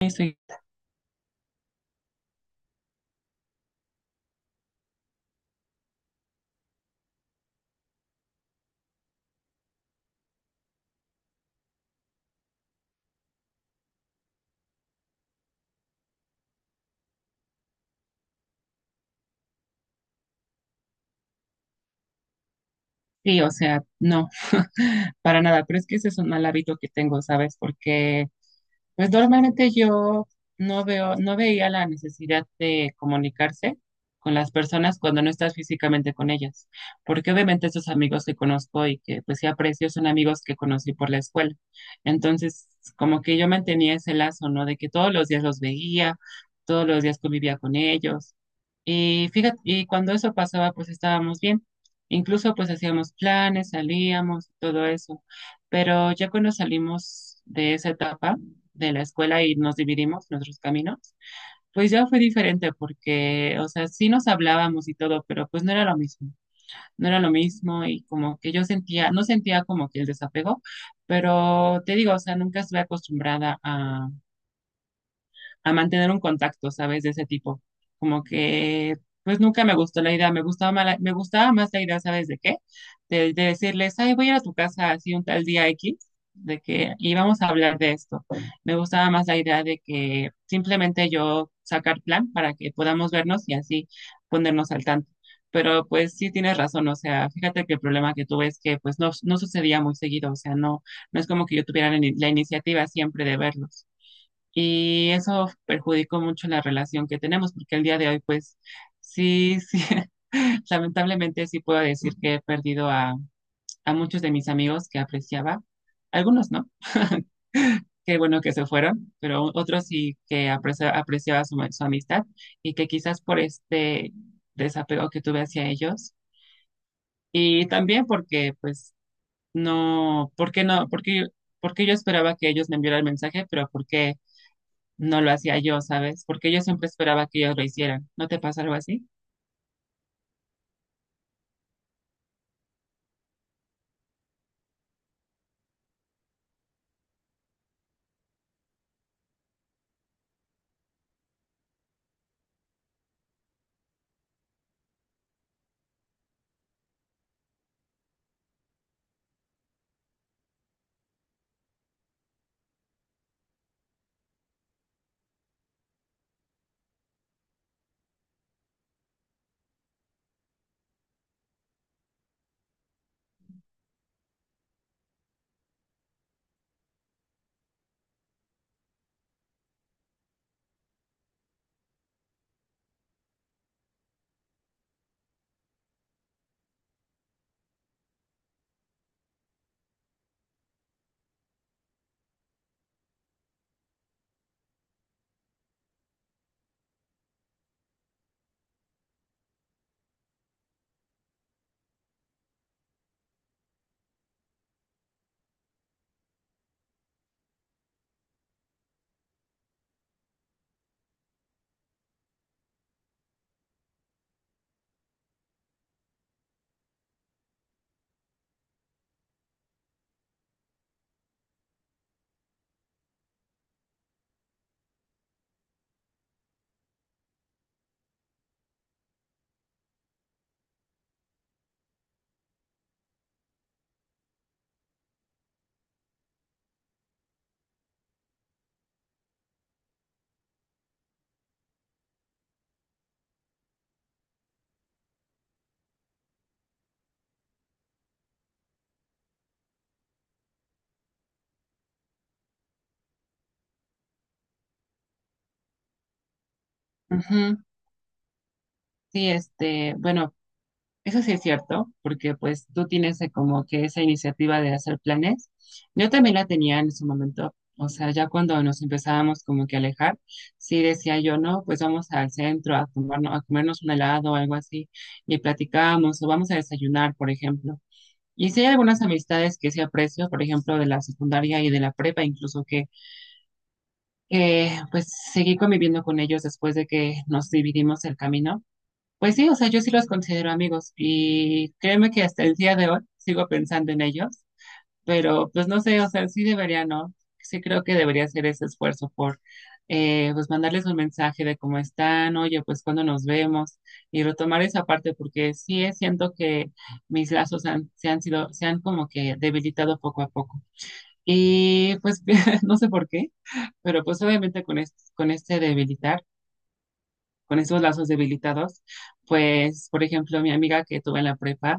Estoy- Sí, o sea, no, para nada, pero es que ese es un mal hábito que tengo, ¿sabes? Porque pues normalmente yo no veo, no veía la necesidad de comunicarse con las personas cuando no estás físicamente con ellas, porque obviamente esos amigos que conozco y que pues sí aprecio son amigos que conocí por la escuela. Entonces, como que yo mantenía ese lazo, ¿no? De que todos los días los veía, todos los días convivía con ellos. Y fíjate, y cuando eso pasaba, pues estábamos bien. Incluso pues hacíamos planes, salíamos, todo eso. Pero ya cuando salimos de esa etapa de la escuela y nos dividimos nuestros caminos, pues ya fue diferente porque, o sea, sí nos hablábamos y todo, pero pues no era lo mismo. No era lo mismo y como que yo sentía, no sentía como que el desapego, pero te digo, o sea, nunca estuve acostumbrada a mantener un contacto, ¿sabes? De ese tipo. Como que, pues nunca me gustó la idea, me gustaba más la idea, ¿sabes de qué? De decirles, ay, voy a ir a tu casa así un tal día X, de que, y vamos a hablar de esto. Me gustaba más la idea de que simplemente yo sacar plan para que podamos vernos y así ponernos al tanto. Pero pues sí tienes razón, o sea, fíjate que el problema que tuve es que pues no, no sucedía muy seguido, o sea, no, no es como que yo tuviera la iniciativa siempre de verlos. Y eso perjudicó mucho la relación que tenemos, porque el día de hoy, pues, sí, sí, lamentablemente sí puedo decir que he perdido a muchos de mis amigos que apreciaba, algunos no, qué bueno que se fueron, pero otros sí que apreciaba su amistad y que quizás por este desapego que tuve hacia ellos y también porque, pues, no, ¿por qué no? Porque yo esperaba que ellos me enviaran el mensaje, pero ¿por qué no lo hacía yo?, ¿sabes? Porque yo siempre esperaba que ellos lo hicieran. ¿No te pasa algo así? Ujú. Sí, este, bueno, eso sí es cierto, porque pues tú tienes como que esa iniciativa de hacer planes. Yo también la tenía en su momento, o sea, ya cuando nos empezábamos como que a alejar, sí decía yo, no, pues vamos al centro a tomarnos, a comernos un helado o algo así, y platicábamos, o vamos a desayunar, por ejemplo. Y sí hay algunas amistades que sí aprecio, por ejemplo, de la secundaria y de la prepa, incluso que pues seguí conviviendo con ellos después de que nos dividimos el camino. Pues sí, o sea, yo sí los considero amigos y créeme que hasta el día de hoy sigo pensando en ellos, pero pues no sé, o sea, sí debería, ¿no? Sí creo que debería hacer ese esfuerzo por, pues mandarles un mensaje de cómo están, oye, pues cuando nos vemos y retomar esa parte porque sí siento que mis lazos han, se han sido, se han como que debilitado poco a poco. Y pues no sé por qué. Pero pues obviamente con este debilitar, con estos lazos debilitados, pues por ejemplo mi amiga que tuve en la prepa,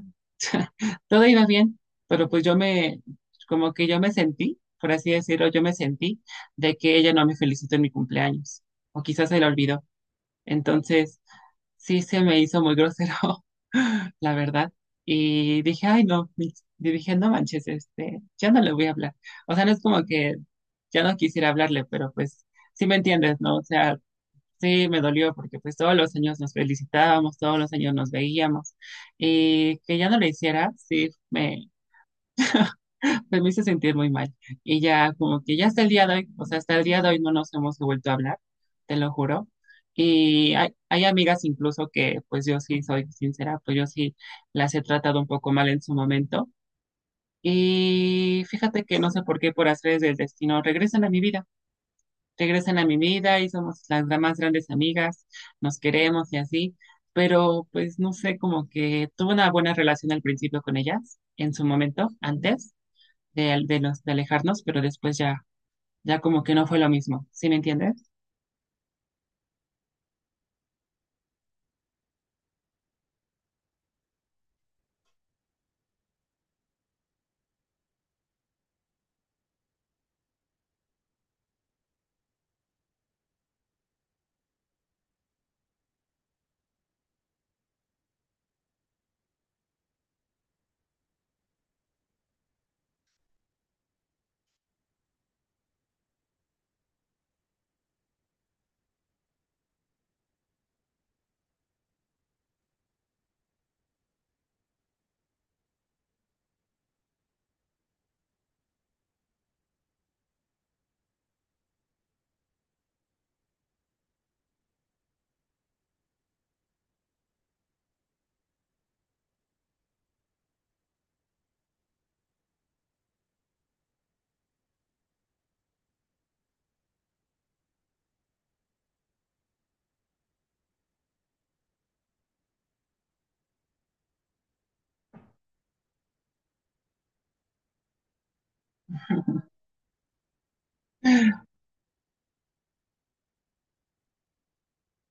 todo iba bien, pero pues como que yo me sentí, por así decirlo, yo me sentí de que ella no me felicitó en mi cumpleaños, o quizás se la olvidó. Entonces sí se me hizo muy grosero, la verdad. Y dije, ay no, Mitch, y dije, no manches, este, ya no le voy a hablar. O sea, no es como que ya no quisiera hablarle, pero pues sí me entiendes, ¿no? O sea, sí, me dolió porque pues todos los años nos felicitábamos, todos los años nos veíamos y que ya no lo hiciera, sí, pues, me hizo sentir muy mal. Y ya como que ya hasta el día de hoy, o sea, hasta el día de hoy no nos hemos vuelto a hablar, te lo juro. Y hay amigas incluso que pues yo sí soy sincera, pues yo sí las he tratado un poco mal en su momento. Y fíjate que no sé por qué, por hacer del destino, regresan a mi vida y somos más grandes amigas, nos queremos y así, pero pues no sé, como que tuve una buena relación al principio con ellas, en su momento, antes de, al- de, los, de alejarnos, pero después ya, ya como que no fue lo mismo, ¿sí me entiendes?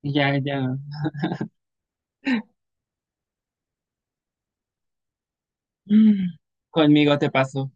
Y ya, ya, mm, conmigo te pasó.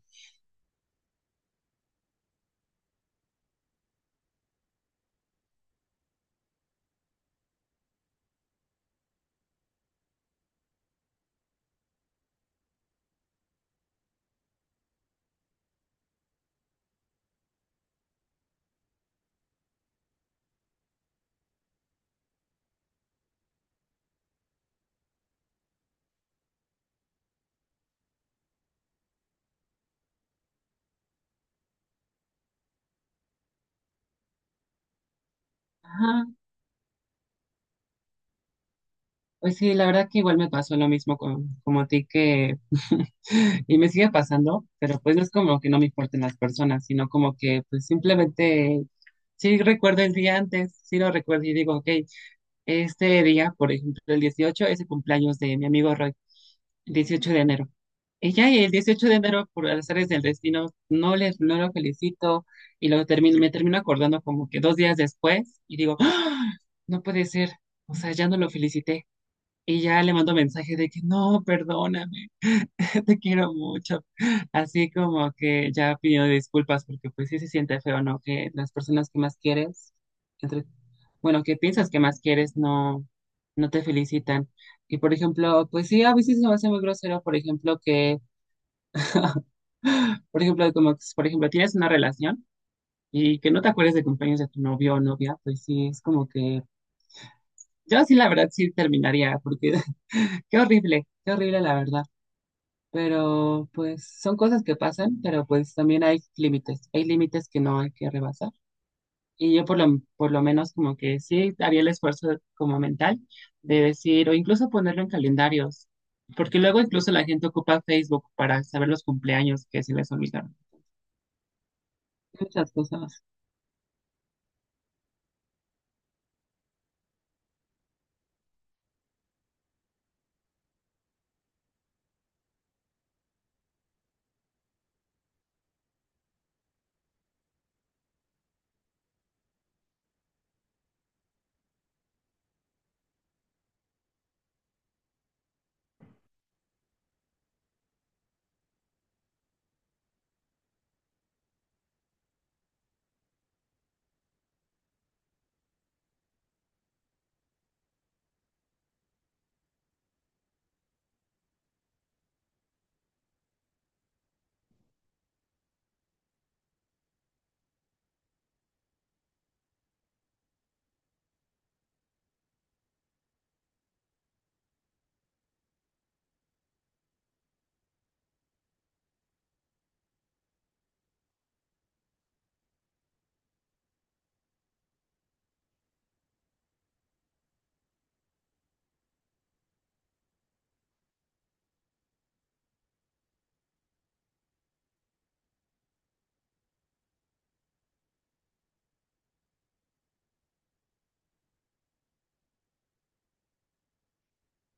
Ajá. Pues sí, la verdad que igual me pasó lo mismo con, como a ti que y me sigue pasando, pero pues no es como que no me importen las personas, sino como que pues simplemente sí recuerdo el día antes, sí lo recuerdo y digo, ok, este día, por ejemplo, el 18 es el cumpleaños de mi amigo Roy, el 18 de enero. Y ya y el 18 de enero, por azares del destino, no lo felicito y me termino acordando como que dos días después y digo, ¡ah, no puede ser!, o sea, ya no lo felicité. Y ya le mando mensajes de que no, perdóname, te quiero mucho. Así como que ya pidió disculpas porque pues sí se siente feo, ¿no? Que las personas que más quieres, entre, bueno, que piensas que más quieres, no, no te felicitan. Y por ejemplo, pues sí, a veces se me hace muy grosero, por ejemplo, que, por ejemplo, como, que, por ejemplo, tienes una relación y que no te acuerdes de cumpleaños de tu novio o novia, pues sí, es como que yo sí, la verdad, sí terminaría porque qué horrible la verdad. Pero pues son cosas que pasan, pero pues también hay límites que no hay que rebasar. Y yo por lo menos como que sí había el esfuerzo como mental de decir, o incluso ponerlo en calendarios, porque luego incluso la gente ocupa Facebook para saber los cumpleaños que se les olvidaron, muchas cosas.